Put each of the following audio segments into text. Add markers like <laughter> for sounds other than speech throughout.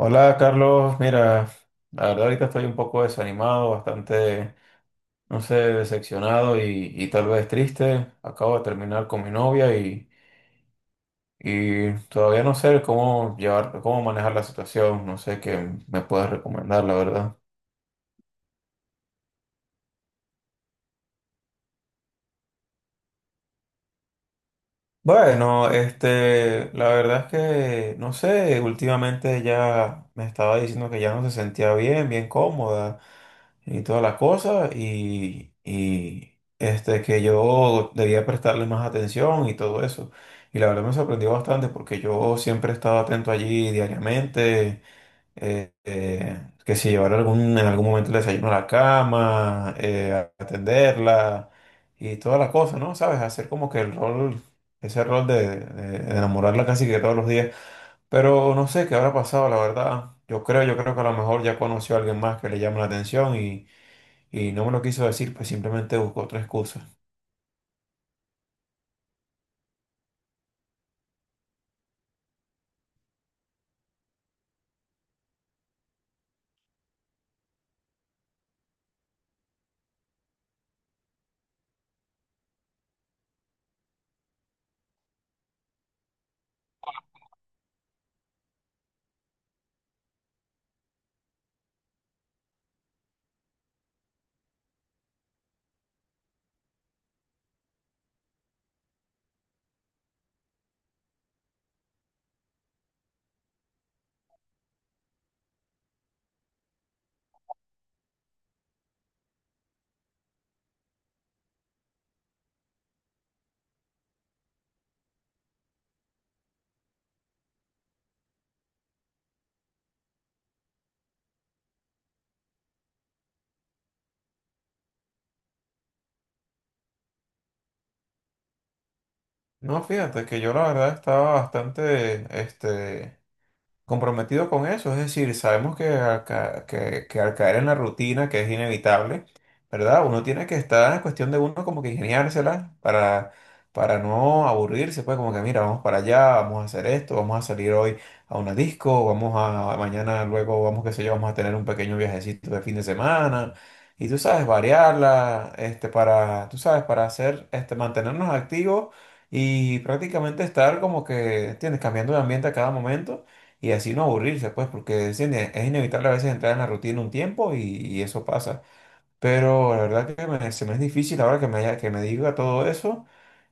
Hola Carlos, mira, la verdad ahorita estoy un poco desanimado, bastante, no sé, decepcionado y tal vez triste. Acabo de terminar con mi novia y todavía no sé cómo llevar, cómo manejar la situación, no sé qué me puedes recomendar, la verdad. Bueno, la verdad es que, no sé, últimamente ya me estaba diciendo que ya no se sentía bien cómoda. Y toda la cosa y que yo debía prestarle más atención y todo eso. Y la verdad me sorprendió bastante porque yo siempre he estado atento allí diariamente, que si llevar en algún momento el desayuno a la cama, atenderla y toda la cosa, ¿no? ¿Sabes? Hacer como que el rol, ese rol de enamorarla casi que todos los días. Pero no sé qué habrá pasado, la verdad. Yo creo que a lo mejor ya conoció a alguien más que le llama la atención y no me lo quiso decir, pues simplemente buscó otra excusa. No, fíjate que yo la verdad estaba bastante, comprometido con eso, es decir, sabemos que que al caer en la rutina, que es inevitable, ¿verdad? Uno tiene que estar, es cuestión de uno como que ingeniársela para no aburrirse, pues como que mira, vamos para allá, vamos a hacer esto, vamos a salir hoy a una disco, vamos a mañana, luego vamos, qué sé yo, vamos a tener un pequeño viajecito de fin de semana. Y tú sabes, variarla, para, tú sabes, para hacer, mantenernos activos y prácticamente estar como que, tienes, cambiando de ambiente a cada momento y así no aburrirse, pues, porque es, es inevitable a veces entrar en la rutina un tiempo y eso pasa. Pero la verdad que se me es difícil ahora que que me diga todo eso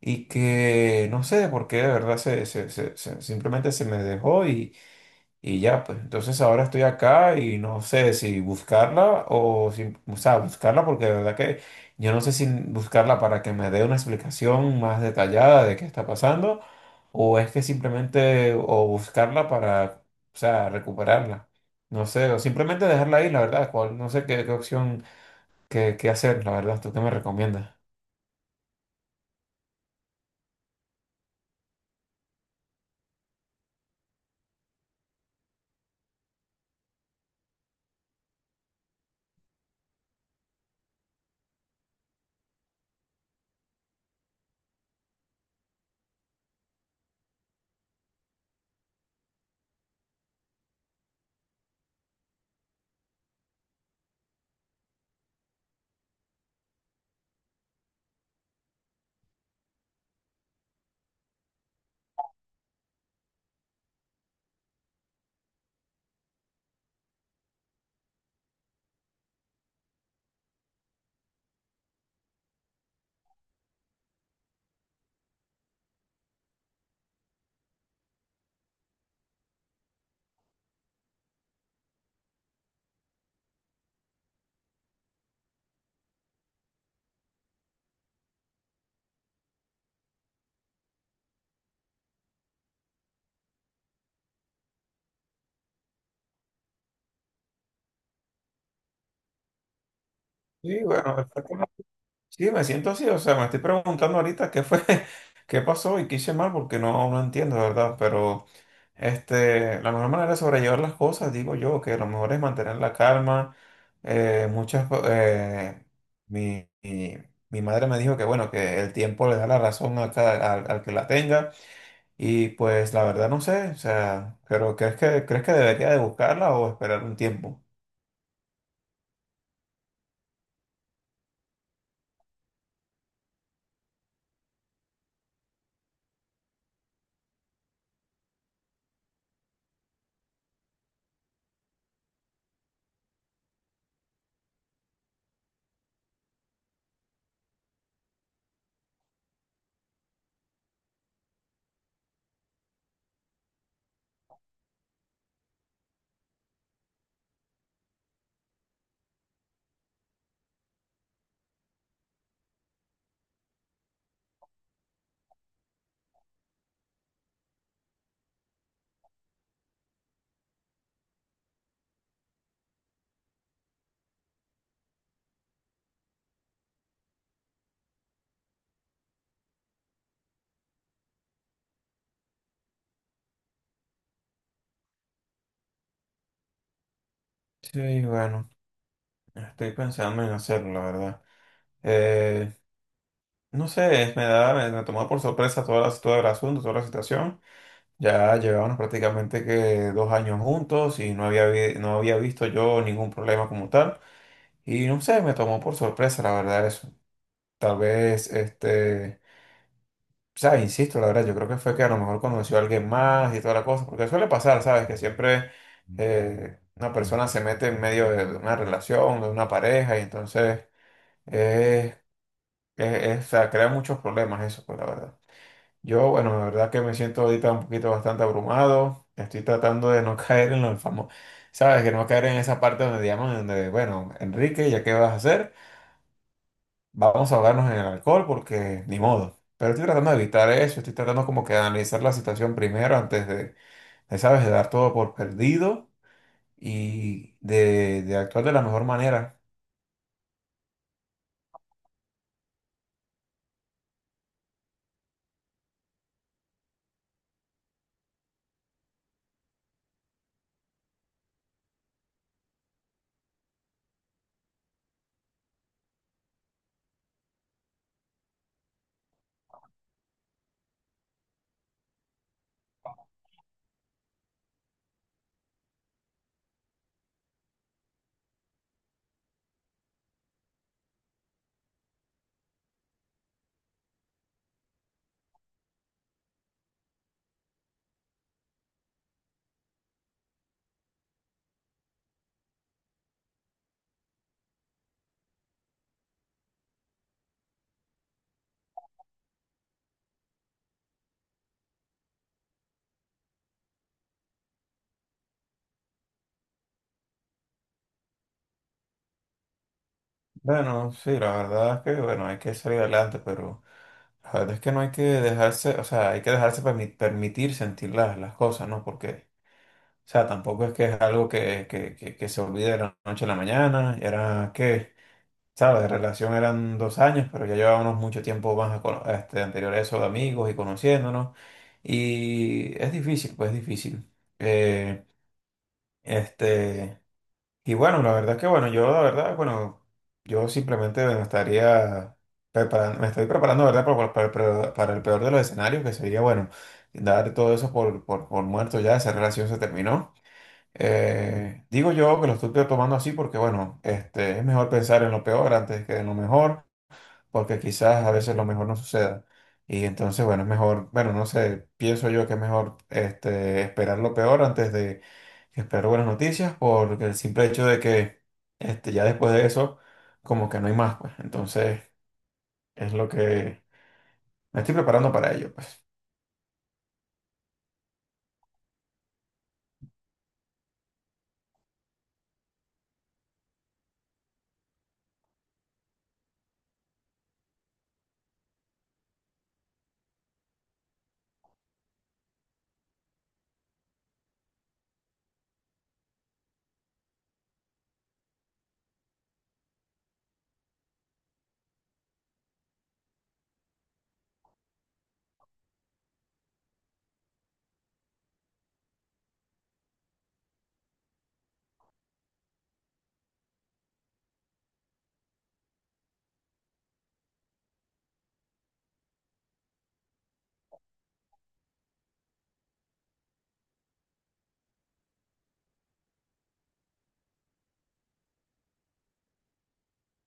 y que no sé por qué de verdad simplemente se me dejó y ya, pues, entonces ahora estoy acá y no sé si buscarla o si, o sea, buscarla porque de verdad que yo no sé si buscarla para que me dé una explicación más detallada de qué está pasando o es que simplemente o buscarla para, o sea, recuperarla. No sé, o simplemente dejarla ahí, la verdad, cuál, no sé qué, qué opción, qué hacer, la verdad, ¿tú qué me recomiendas? Sí, bueno, de verdad que sí, me siento así, o sea, me estoy preguntando ahorita qué fue, <laughs> qué pasó y qué hice mal porque no, no entiendo, de verdad, pero... Este, la mejor manera de sobrellevar las cosas, digo yo, que lo mejor es mantener la calma. Muchas, co- mi, mi, Mi madre me dijo que, bueno, que el tiempo le da la razón a al que la tenga. Y pues la verdad no sé, o sea, pero crees que debería de buscarla o esperar un tiempo? Sí, bueno, estoy pensando en hacerlo, la verdad. Eh, no sé, me tomó por sorpresa toda la, todo el asunto, toda la situación. Ya llevábamos prácticamente que 2 años juntos y no había, no había visto yo ningún problema como tal. Y no sé, me tomó por sorpresa, la verdad, eso. Tal vez, sabes, insisto, la verdad, yo creo que fue que a lo mejor conoció a alguien más y toda la cosa, porque suele pasar, ¿sabes? Que siempre una persona se mete en medio de una relación, de una pareja, y entonces, eh, o sea, crea muchos problemas eso, pues la verdad. Yo, bueno, la verdad que me siento ahorita un poquito bastante abrumado. Estoy tratando de no <laughs> caer en los famosos, ¿sabes? Que no caer en esa parte donde llaman, donde, bueno, Enrique, ¿ya qué vas a hacer? Vamos a ahogarnos en el alcohol porque ni modo. Pero estoy tratando de evitar eso, estoy tratando como que de analizar la situación primero antes de, ¿sabes? De dar todo por perdido de actuar de la mejor manera. Bueno, sí, la verdad es que, bueno, hay que salir adelante, pero la verdad es que no hay que dejarse, o sea, hay que dejarse permitir sentir las cosas, ¿no? Porque, o sea, tampoco es que es algo que se olvide de la noche a la mañana, era que, ¿sabes? De relación eran 2 años, pero ya llevábamos mucho tiempo más a anterior a eso de amigos y conociéndonos, y es difícil, pues es difícil. Eh, este... Y bueno, la verdad es que bueno, yo simplemente me estaría preparando, me estoy preparando, la ¿verdad? Para el peor de los escenarios, que sería, bueno, dar todo eso por muerto ya, esa relación se terminó. Digo yo que lo estoy tomando así porque, bueno, es mejor pensar en lo peor antes que en lo mejor porque quizás a veces lo mejor no suceda. Y entonces, bueno, es mejor, bueno, no sé, pienso yo que es mejor esperar lo peor antes de esperar buenas noticias, porque el simple hecho de que ya después de eso, como que no hay más, pues. Entonces, es lo que me estoy preparando para ello, pues.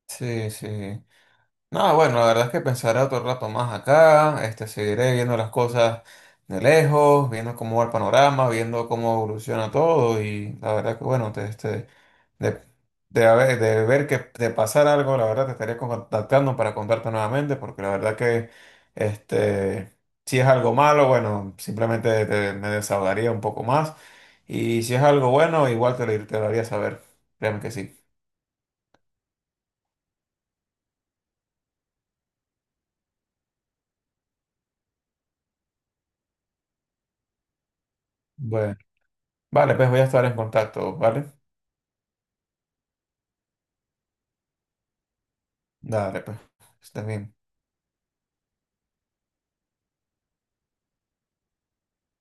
Sí, sí. No, bueno, la verdad es que pensaré otro rato más acá, seguiré viendo las cosas de lejos, viendo cómo va el panorama, viendo cómo evoluciona todo y la verdad que bueno, te, este, de, de, haber- de ver que te pasar algo, la verdad te estaría contactando para contarte nuevamente, porque la verdad que este, si es algo malo, bueno, simplemente me desahogaría un poco más. Y si es algo bueno, igual te lo haría saber. Créeme que sí. Bueno, vale, pues voy a estar en contacto, ¿vale? Dale, pues. Está bien.